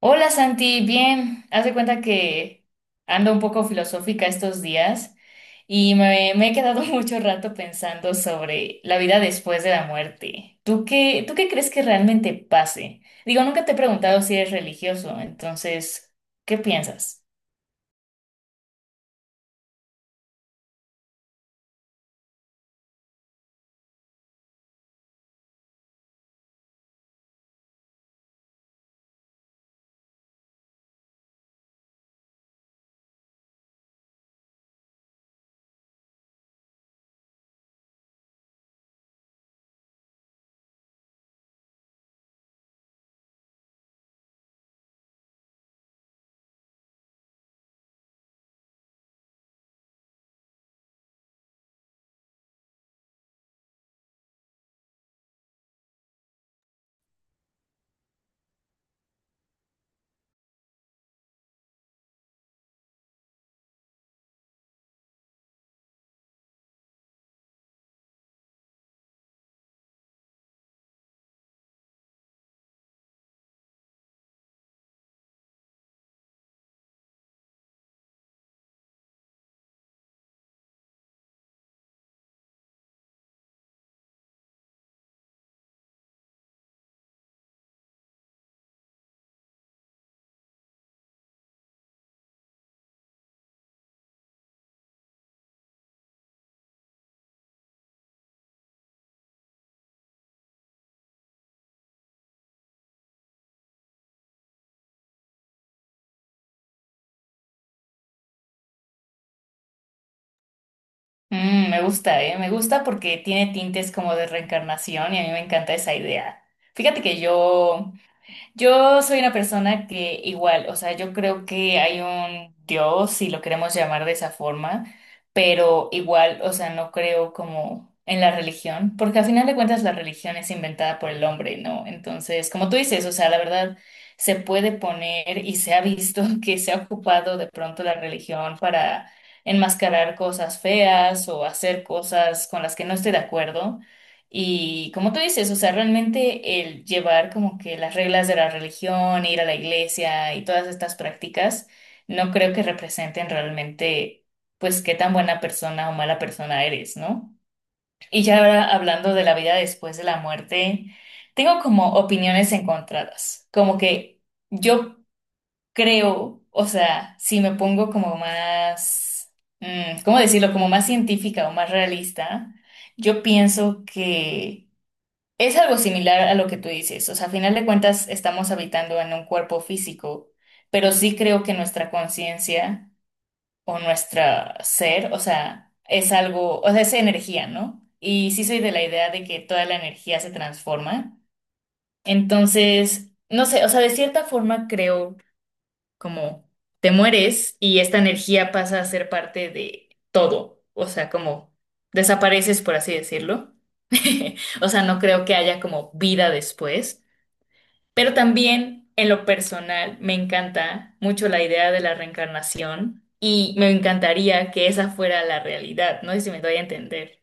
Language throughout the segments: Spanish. Hola Santi, bien. Haz de cuenta que ando un poco filosófica estos días y me he quedado mucho rato pensando sobre la vida después de la muerte. ¿Tú qué crees que realmente pase? Digo, nunca te he preguntado si eres religioso, entonces, ¿qué piensas? Mm, me gusta, ¿eh? Me gusta porque tiene tintes como de reencarnación y a mí me encanta esa idea. Fíjate que yo Yo soy una persona que igual, o sea, yo creo que hay un Dios, si lo queremos llamar de esa forma, pero igual, o sea, no creo como en la religión, porque al final de cuentas la religión es inventada por el hombre, ¿no? Entonces, como tú dices, o sea, la verdad se puede poner y se ha visto que se ha ocupado de pronto la religión para enmascarar cosas feas o hacer cosas con las que no estoy de acuerdo. Y como tú dices, o sea, realmente el llevar como que las reglas de la religión, ir a la iglesia y todas estas prácticas, no creo que representen realmente, pues, qué tan buena persona o mala persona eres, ¿no? Y ya ahora hablando de la vida después de la muerte, tengo como opiniones encontradas, como que yo creo, o sea, si me pongo como más, ¿cómo decirlo? Como más científica o más realista, yo pienso que es algo similar a lo que tú dices, o sea, a final de cuentas estamos habitando en un cuerpo físico, pero sí creo que nuestra conciencia o nuestra ser, o sea, es algo, o sea, es energía, ¿no? Y sí soy de la idea de que toda la energía se transforma. Entonces, no sé, o sea, de cierta forma creo como te mueres y esta energía pasa a ser parte de todo, o sea, como desapareces, por así decirlo. O sea, no creo que haya como vida después, pero también en lo personal me encanta mucho la idea de la reencarnación y me encantaría que esa fuera la realidad, no sé si me doy a entender.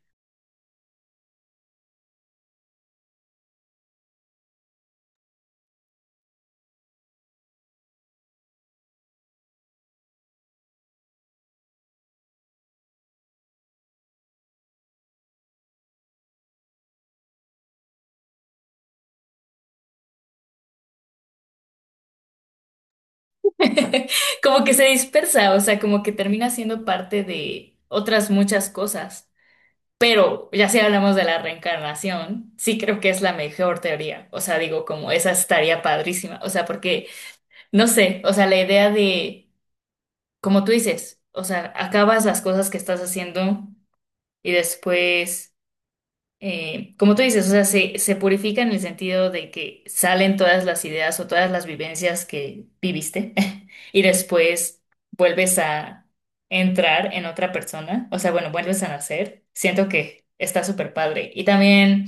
Como que se dispersa, o sea, como que termina siendo parte de otras muchas cosas. Pero ya si hablamos de la reencarnación, sí creo que es la mejor teoría. O sea, digo, como esa estaría padrísima. O sea, porque, no sé, o sea, la idea de, como tú dices, o sea, acabas las cosas que estás haciendo y después como tú dices, o sea, se purifica en el sentido de que salen todas las ideas o todas las vivencias que viviste y después vuelves a entrar en otra persona, o sea, bueno, vuelves a nacer. Siento que está súper padre. Y también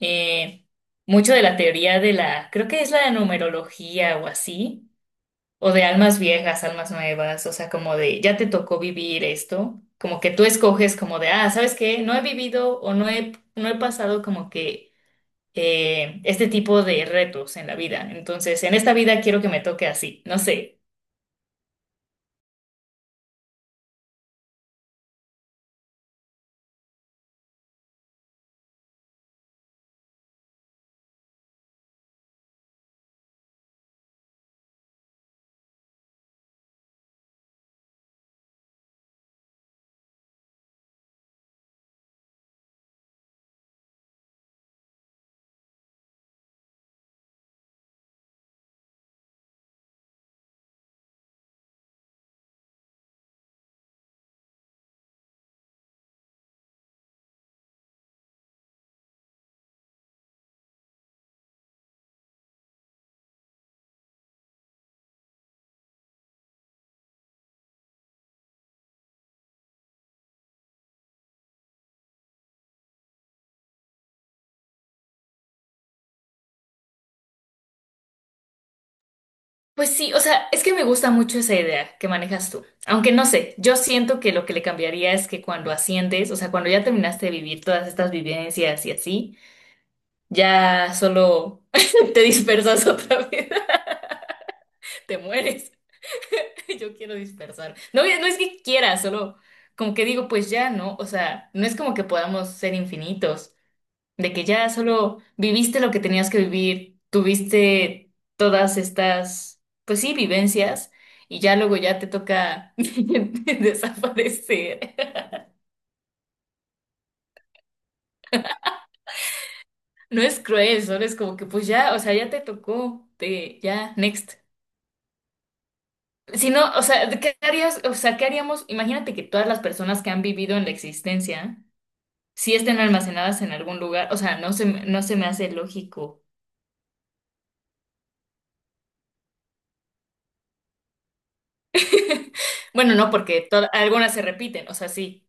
eh, mucho de la teoría de la, creo que es la numerología o así, o de almas viejas, almas nuevas, o sea, como de ya te tocó vivir esto, como que tú escoges como de, ah, ¿sabes qué? No he vivido o no he pasado como que este tipo de retos en la vida. Entonces, en esta vida quiero que me toque así, no sé. Pues sí, o sea, es que me gusta mucho esa idea que manejas tú. Aunque no sé, yo siento que lo que le cambiaría es que cuando asciendes, o sea, cuando ya terminaste de vivir todas estas vivencias y así, ya solo te dispersas otra vez, te mueres. Yo quiero dispersar. No, no es que quiera, solo como que digo, pues ya, ¿no? O sea, no es como que podamos ser infinitos, de que ya solo viviste lo que tenías que vivir, tuviste todas estas, pues sí, vivencias, y ya luego ya te toca desaparecer. No es cruel, solo es como que pues ya, o sea, ya te tocó, te, ya, next. Si no, o sea, ¿qué harías? O sea, ¿qué haríamos? Imagínate que todas las personas que han vivido en la existencia sí estén almacenadas en algún lugar, o sea, no se, no se me hace lógico. Bueno, no, porque algunas se repiten, o sea, sí.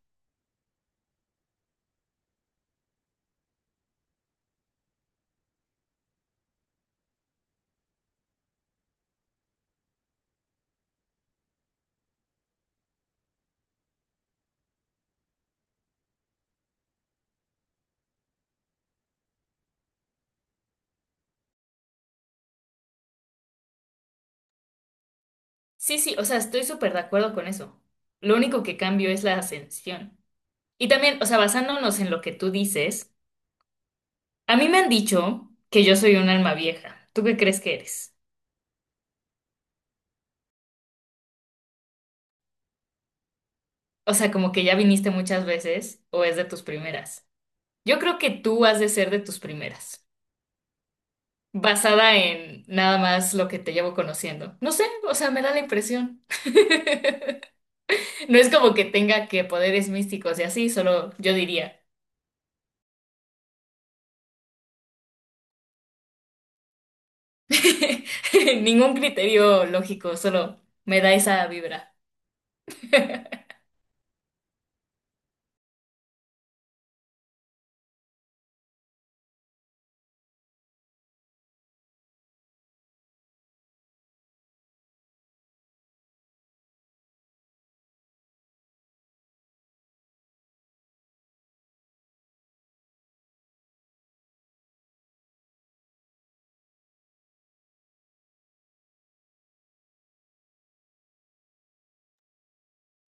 Sí, sí, o sea, estoy súper de acuerdo con eso. Lo único que cambio es la ascensión. Y también, o sea, basándonos en lo que tú dices, a mí me han dicho que yo soy un alma vieja. ¿Tú qué crees que eres? O sea, como que ya viniste muchas veces o es de tus primeras. Yo creo que tú has de ser de tus primeras. Basada en nada más lo que te llevo conociendo. No sé, o sea, me da la impresión. No es como que tenga que poderes místicos y así, solo yo diría. Ningún criterio lógico, solo me da esa vibra.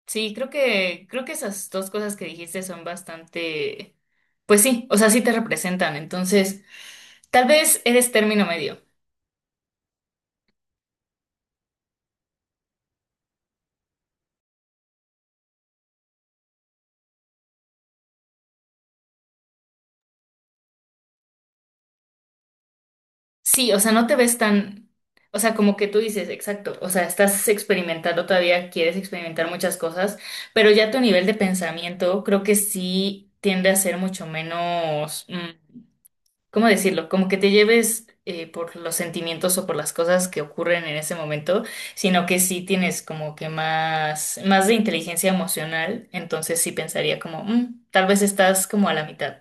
Sí, creo que esas dos cosas que dijiste son bastante, pues sí, o sea, sí te representan. Entonces, tal vez eres término medio. Sí, o sea, no te ves tan, o sea, como que tú dices, exacto, o sea, estás experimentando todavía, quieres experimentar muchas cosas, pero ya tu nivel de pensamiento creo que sí tiende a ser mucho menos, ¿cómo decirlo? Como que te lleves por los sentimientos o por las cosas que ocurren en ese momento, sino que sí tienes como que más, de inteligencia emocional, entonces sí pensaría como, "Mm, tal vez estás como a la mitad".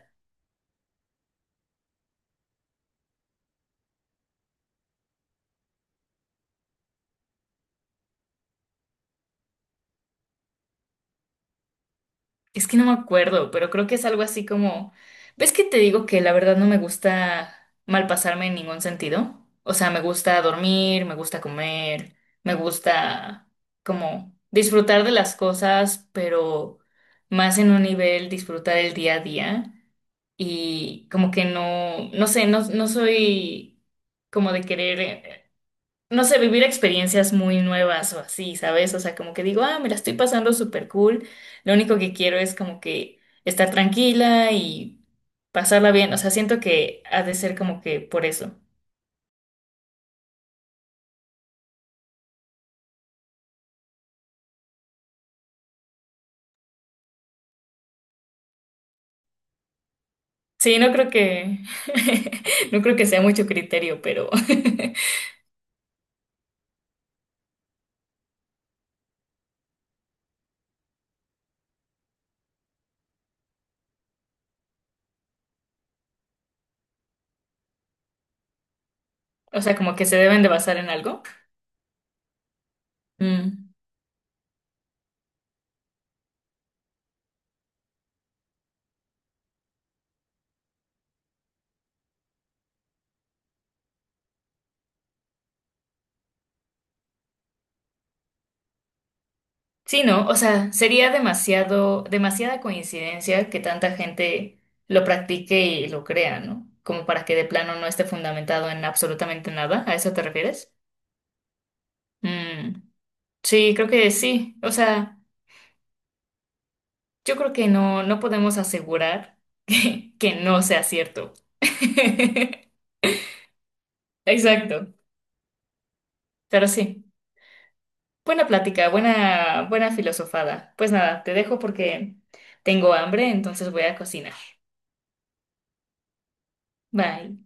Es que no me acuerdo, pero creo que es algo así como, ¿ves que te digo que la verdad no me gusta malpasarme en ningún sentido? O sea, me gusta dormir, me gusta comer, me gusta como disfrutar de las cosas, pero más en un nivel disfrutar el día a día y como que no, no sé, no soy como de querer no sé, vivir experiencias muy nuevas o así, ¿sabes? O sea, como que digo, ah, me la estoy pasando súper cool. Lo único que quiero es como que estar tranquila y pasarla bien. O sea, siento que ha de ser como que por eso. Sí, no creo que, no creo que sea mucho criterio, pero, o sea, como que se deben de basar en algo. Sí, ¿no? O sea, sería demasiado, demasiada coincidencia que tanta gente lo practique y lo crea, ¿no? Como para que de plano no esté fundamentado en absolutamente nada. ¿A eso te refieres? Mm, sí, creo que sí. O sea, yo creo que no, no podemos asegurar que no sea cierto. Exacto. Pero sí. Buena plática, buena filosofada. Pues nada, te dejo porque tengo hambre, entonces voy a cocinar. Bye.